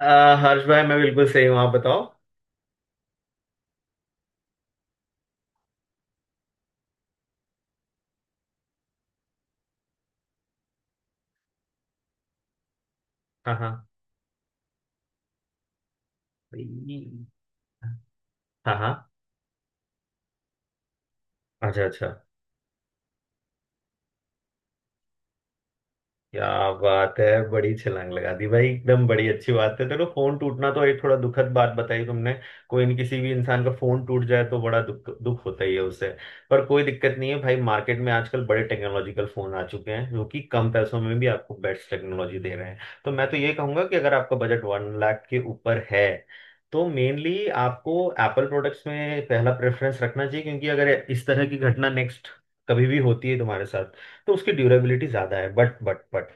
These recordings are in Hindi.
अ, हर्ष भाई, मैं बिल्कुल सही हूँ। आप बताओ। हाँ हाँ। भाई, हाँ हाँ। अच्छा अच्छा। क्या बात है! बड़ी छलांग लगा दी भाई। एकदम बड़ी अच्छी बात है। देखो, फोन टूटना तो एक थोड़ा दुखद बात बताई तुमने। कोई न, किसी भी इंसान का फोन टूट जाए तो बड़ा दुख दुख होता ही है उसे। पर कोई दिक्कत नहीं है भाई। मार्केट में आजकल बड़े टेक्नोलॉजिकल फोन आ चुके हैं जो कि कम पैसों में भी आपको बेस्ट टेक्नोलॉजी दे रहे हैं। तो मैं तो ये कहूंगा कि अगर आपका बजट 1 लाख के ऊपर है, तो मेनली आपको एप्पल प्रोडक्ट्स में पहला प्रेफरेंस रखना चाहिए, क्योंकि अगर इस तरह की घटना नेक्स्ट कभी भी होती है तुम्हारे साथ, तो उसकी ड्यूरेबिलिटी ज़्यादा है। बट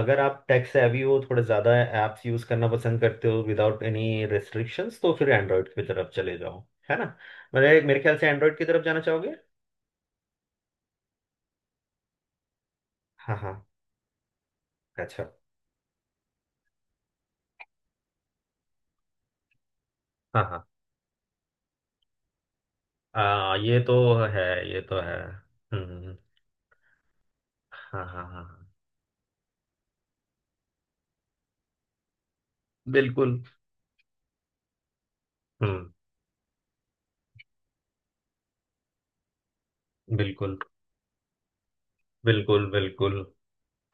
अगर आप टेक सेवी हो, थोड़े ज़्यादा ऐप्स यूज़ करना पसंद करते हो विदाउट एनी रेस्ट्रिक्शंस, तो फिर एंड्रॉयड की तरफ चले जाओ। है ना। मेरे मेरे ख्याल से एंड्रॉयड की तरफ जाना चाहोगे। हाँ हाँ। अच्छा। हाँ हाँ। ये तो है। ये तो है। हम्म। हाँ हाँ हाँ हाँ। बिल्कुल। हम्म। बिल्कुल बिल्कुल। बिल्कुल।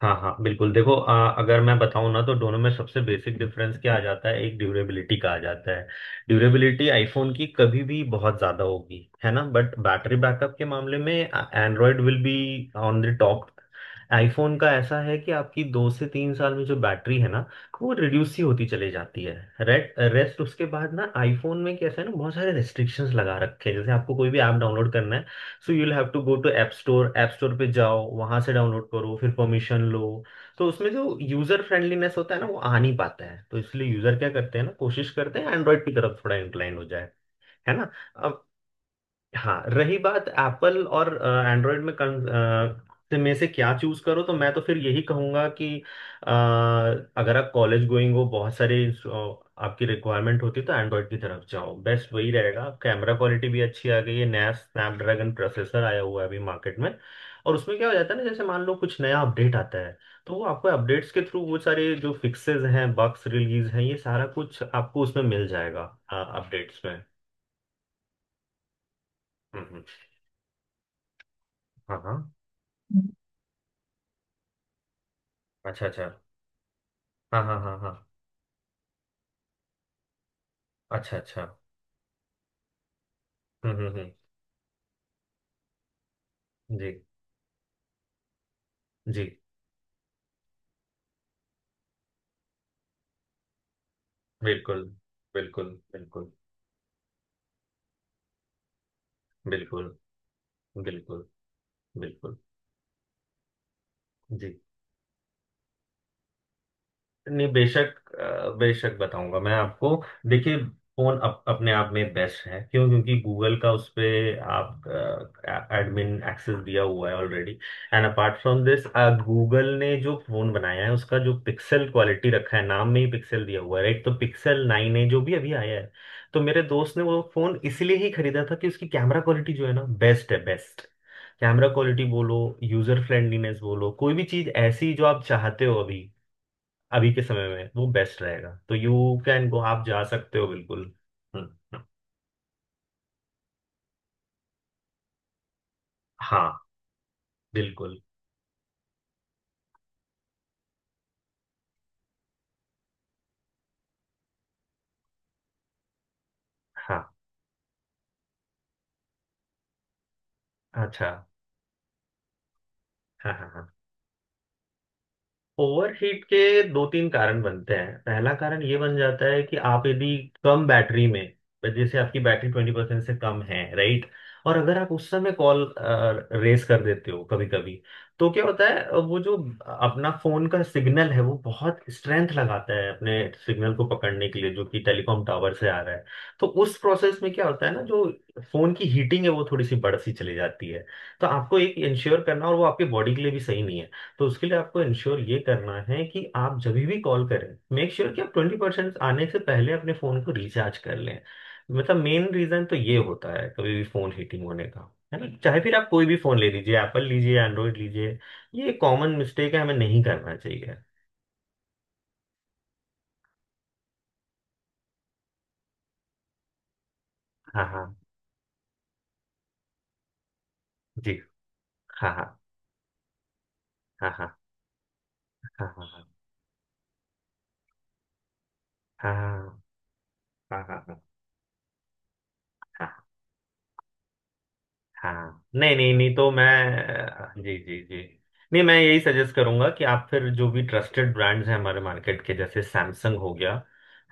हाँ हाँ बिल्कुल। देखो, अगर मैं बताऊं ना, तो दोनों में सबसे बेसिक डिफरेंस क्या आ जाता है, एक ड्यूरेबिलिटी का आ जाता है। ड्यूरेबिलिटी आईफोन की कभी भी बहुत ज्यादा होगी, है ना। बट बैटरी बैकअप के मामले में Android will be on the top. IPhone का ऐसा है कि आपकी 2 से 3 साल में जो बैटरी है ना, वो रिड्यूस ही होती चली जाती है। Rate rest. उसके बाद ना आईफोन में कैसा है ना, बहुत सारे रेस्ट्रिक्शंस लगा रखे हैं। जैसे आपको कोई भी ऐप डाउनलोड करना है, so you will have to go to app store. App store पे जाओ, वहां से डाउनलोड करो, फिर परमिशन लो। तो उसमें जो यूजर फ्रेंडलीनेस होता है ना, वो आ नहीं पाता है। तो इसलिए यूजर क्या करते हैं ना, कोशिश करते हैं एंड्रॉइड की तरफ थोड़ा इंक्लाइन हो जाए। है ना। हाँ। रही बात एप्पल और एंड्रॉयड में में से क्या चूज करो, तो मैं तो फिर यही कहूंगा कि अ, अगर आप कॉलेज गोइंग हो, बहुत सारे आपकी रिक्वायरमेंट होती है, तो एंड्रॉयड की तरफ जाओ, बेस्ट वही रहेगा। कैमरा क्वालिटी भी अच्छी आ गई है, नया स्नैपड्रैगन प्रोसेसर आया हुआ है अभी मार्केट में। और उसमें क्या हो जाता है ना, जैसे मान लो कुछ नया अपडेट आता है, तो वो आपको अपडेट्स के थ्रू वो सारे जो फिक्सेस हैं, बग्स रिलीज हैं, ये सारा कुछ आपको उसमें मिल जाएगा अपडेट्स में। हम्म। हाँ हाँ। अच्छा अच्छा। हाँ हाँ हाँ हाँ। अच्छा अच्छा। हम्म। जी जी। बिल्कुल बिल्कुल। बिल्कुल बिल्कुल। बिल्कुल बिल्कुल। जी। नहीं बेशक। बेशक बताऊंगा मैं आपको। देखिए, फोन अपने आप में बेस्ट है। क्यों? क्योंकि गूगल का उस पे आप एडमिन एक्सेस दिया हुआ है already. And apart from this, Google ने जो फोन बनाया है, उसका जो पिक्सल क्वालिटी रखा है, नाम में ही पिक्सल दिया हुआ है, राइट। तो Pixel 9 है जो भी अभी आया है। तो मेरे दोस्त ने वो फोन इसलिए ही खरीदा था कि उसकी कैमरा क्वालिटी जो है ना, बेस्ट है, बेस्ट। कैमरा क्वालिटी बोलो, यूजर फ्रेंडलीनेस बोलो, कोई भी चीज ऐसी जो आप चाहते हो अभी, अभी के समय में वो बेस्ट रहेगा। तो यू कैन गो, आप जा सकते हो बिल्कुल। हम्म। हाँ बिल्कुल। हाँ अच्छा। हाँ हाँ हाँ। ओवरहीट के दो तीन कारण बनते हैं। पहला कारण ये बन जाता है कि आप यदि कम बैटरी में, जैसे आपकी बैटरी 20% से कम है, राइट, और अगर आप उस समय कॉल रेस कर देते हो कभी कभी, तो क्या होता है वो जो अपना फोन का सिग्नल है, वो बहुत स्ट्रेंथ लगाता है अपने सिग्नल को पकड़ने के लिए जो कि टेलीकॉम टावर से आ रहा है। तो उस प्रोसेस में क्या होता है ना, जो फोन की हीटिंग है वो थोड़ी सी बढ़ सी चली जाती है। तो आपको एक इंश्योर करना, और वो आपके बॉडी के लिए भी सही नहीं है। तो उसके लिए आपको इंश्योर ये करना है कि आप जब भी कॉल करें, मेक श्योर कि आप 20% आने से पहले अपने फ़ोन को रिचार्ज कर लें। मतलब मेन रीज़न तो ये होता है कभी भी फ़ोन हीटिंग होने का, है ना। चाहे फिर आप कोई भी फ़ोन ले लीजिए, एप्पल लीजिए, एंड्रॉयड लीजिए। ये कॉमन मिस्टेक है, हमें नहीं करना चाहिए। हाँ हाँ। जी। हाँ हाँ हाँ हाँ हाँ हाँ हाँ हाँ हाँ हाँ हाँ हाँ हाँ हाँ। हाँ नहीं नहीं नहीं, तो मैं जी जी जी। नहीं, मैं यही सजेस्ट करूंगा कि आप फिर जो भी ट्रस्टेड ब्रांड्स हैं हमारे मार्केट के, जैसे सैमसंग हो गया,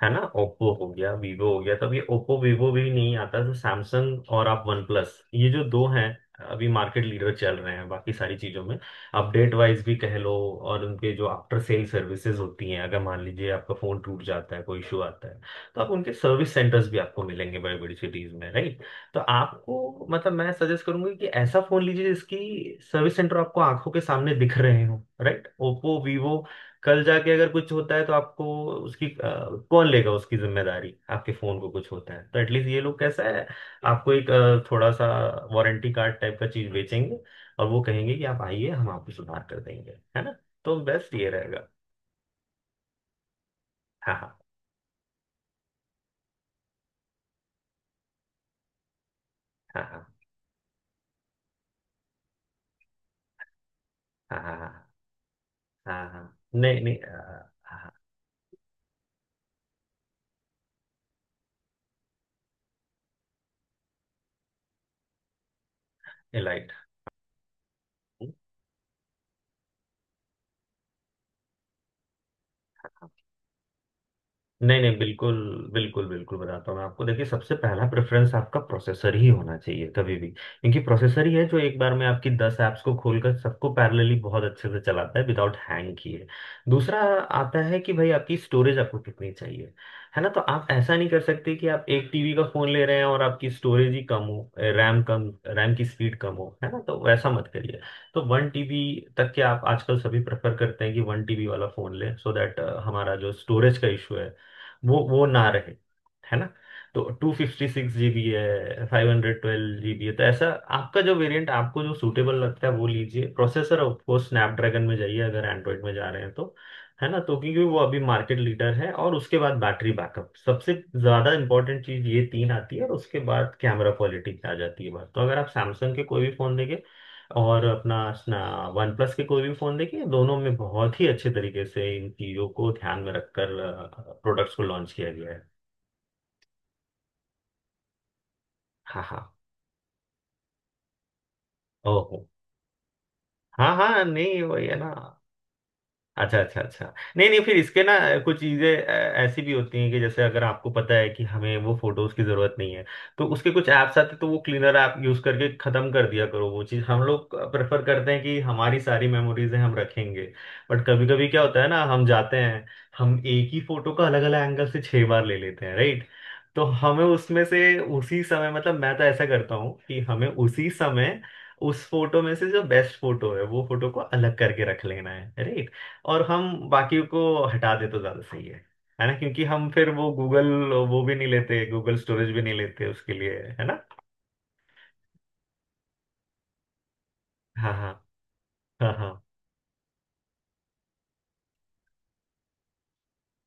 है ना, ओप्पो हो गया, वीवो हो गया। तो अब ये ओप्पो वीवो भी नहीं आता, तो सैमसंग और आप वन प्लस, ये जो दो हैं, अभी मार्केट लीडर चल रहे हैं बाकी सारी चीजों में। अपडेट वाइज भी कह लो। और उनके जो आफ्टर सेल सर्विसेज होती हैं, अगर मान लीजिए आपका फोन टूट जाता है, कोई इशू आता है, तो आप उनके सर्विस सेंटर्स भी आपको मिलेंगे बड़ी बड़ी सिटीज में, राइट। तो आपको, मतलब मैं सजेस्ट करूंगी कि ऐसा फोन लीजिए जिसकी सर्विस सेंटर आपको आंखों के सामने दिख रहे हो, राइट। Oppo Vivo. कल जाके अगर कुछ होता है, तो आपको उसकी कौन लेगा उसकी जिम्मेदारी? आपके फोन को कुछ होता है तो एटलीस्ट ये लोग कैसा है, आपको एक थोड़ा सा वारंटी कार्ड टाइप का चीज बेचेंगे। और वो कहेंगे कि आप आइए, हम आपको सुधार कर देंगे, है ना। तो बेस्ट ये रहेगा। हाँ हाँ हाँ हाँ हाँ हाँ हाँ हाँ हाँ। नहीं नहीं, हाँ। एलाइट। नहीं नहीं, बिल्कुल। बिल्कुल बिल्कुल बताता हूँ मैं आपको। देखिए, सबसे पहला प्रेफरेंस आपका प्रोसेसर ही होना चाहिए कभी भी, क्योंकि प्रोसेसर ही है जो एक बार में आपकी 10 ऐप्स को खोलकर सबको पैरेलली बहुत अच्छे से चलाता है विदाउट हैंग किए। दूसरा आता है कि भाई आपकी स्टोरेज आपको कितनी चाहिए। है ना। तो आप ऐसा नहीं कर सकते कि आप 1 TB का फोन ले रहे हैं और आपकी स्टोरेज ही कम हो, रैम कम, रैम की स्पीड कम हो, है ना। तो वैसा मत करिए। तो 1 TB तक के आप आजकल सभी प्रेफर करते हैं कि 1 TB वाला फोन लें, सो दैट हमारा जो स्टोरेज का इशू है, वो ना रहे, है ना। तो 256 GB है, 512 GB है, तो ऐसा आपका जो वेरिएंट, आपको जो सूटेबल लगता है वो लीजिए। प्रोसेसर आपको स्नैपड्रैगन में जाइए, अगर एंड्रॉइड में जा रहे हैं तो। है ना। तो क्योंकि वो अभी मार्केट लीडर है। और उसके बाद बैटरी बैकअप सबसे ज्यादा इंपॉर्टेंट चीज, ये तीन आती है। और उसके बाद कैमरा क्वालिटी आ जाती है बात। तो अगर आप सैमसंग के कोई भी फोन देंगे और अपना वन प्लस के कोई भी फोन देखिए, दोनों में बहुत ही अच्छे तरीके से इन चीजों को ध्यान में रखकर प्रोडक्ट्स को लॉन्च किया गया है। हाँ हाँ। ओहो। हाँ हाँ नहीं, वही है ना। अच्छा अच्छा अच्छा। नहीं नहीं, फिर इसके ना कुछ चीज़ें ऐसी भी होती हैं कि जैसे अगर आपको पता है कि हमें वो फोटोज की जरूरत नहीं है, तो उसके कुछ ऐप्स आते हैं, तो वो क्लीनर ऐप यूज करके खत्म कर दिया करो। वो चीज़ हम लोग प्रेफर करते हैं कि हमारी सारी मेमोरीज हैं हम रखेंगे। बट कभी कभी क्या होता है ना, हम जाते हैं, हम एक ही फोटो का अलग अलग एंगल से 6 बार ले लेते हैं, राइट। तो हमें उसमें से उसी समय, मतलब मैं तो ऐसा करता हूँ कि हमें उसी समय उस फोटो में से जो बेस्ट फोटो है वो फोटो को अलग करके रख लेना है, राइट। और हम बाकियों को हटा दे तो ज्यादा सही है ना। क्योंकि हम फिर वो गूगल, वो भी नहीं लेते, गूगल स्टोरेज भी नहीं लेते उसके लिए, है ना। हाँ हाँ हाँ हाँ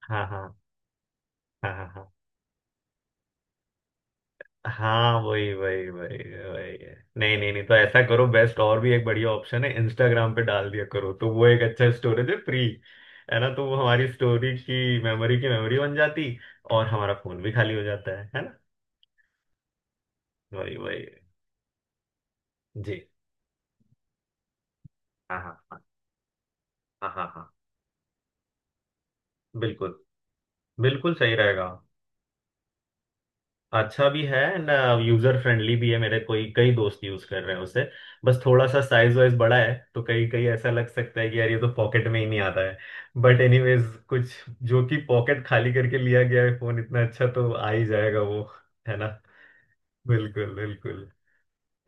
हाँ हाँ हाँ हाँ हाँ हाँ, वही वही वही। वही है। नहीं नहीं नहीं, तो ऐसा करो, बेस्ट और भी एक बढ़िया ऑप्शन है, इंस्टाग्राम पे डाल दिया करो, तो वो एक अच्छा स्टोरेज है, फ्री। है ना। तो वो हमारी स्टोरी की मेमोरी बन जाती। और हमारा फोन भी खाली हो जाता है ना। वही वही। जी। हाँ हाँ हाँ हाँ हाँ हाँ। बिल्कुल। बिल्कुल सही रहेगा। अच्छा भी है, एंड यूजर फ्रेंडली भी है। मेरे कोई कई दोस्त यूज कर रहे हैं उसे। बस थोड़ा सा साइज वाइज बड़ा है। तो कई कई ऐसा लग सकता है कि यार ये तो पॉकेट में ही नहीं आता है। बट एनीवेज, कुछ जो कि पॉकेट खाली करके लिया गया है, फोन इतना अच्छा तो आ ही जाएगा वो, है ना। बिल्कुल बिल्कुल।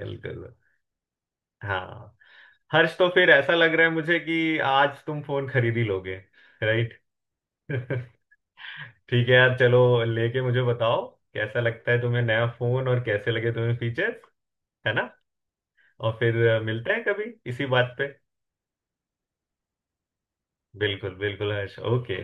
बिल्कुल। हाँ हर्ष, तो फिर ऐसा लग रहा है मुझे कि आज तुम फोन खरीद ही लोगे, राइट। ठीक है यार, चलो। लेके मुझे बताओ कैसा लगता है तुम्हें नया फोन और कैसे लगे तुम्हें फीचर्स, है ना। और फिर मिलते हैं कभी इसी बात पे। बिल्कुल बिल्कुल हर्ष, ओके।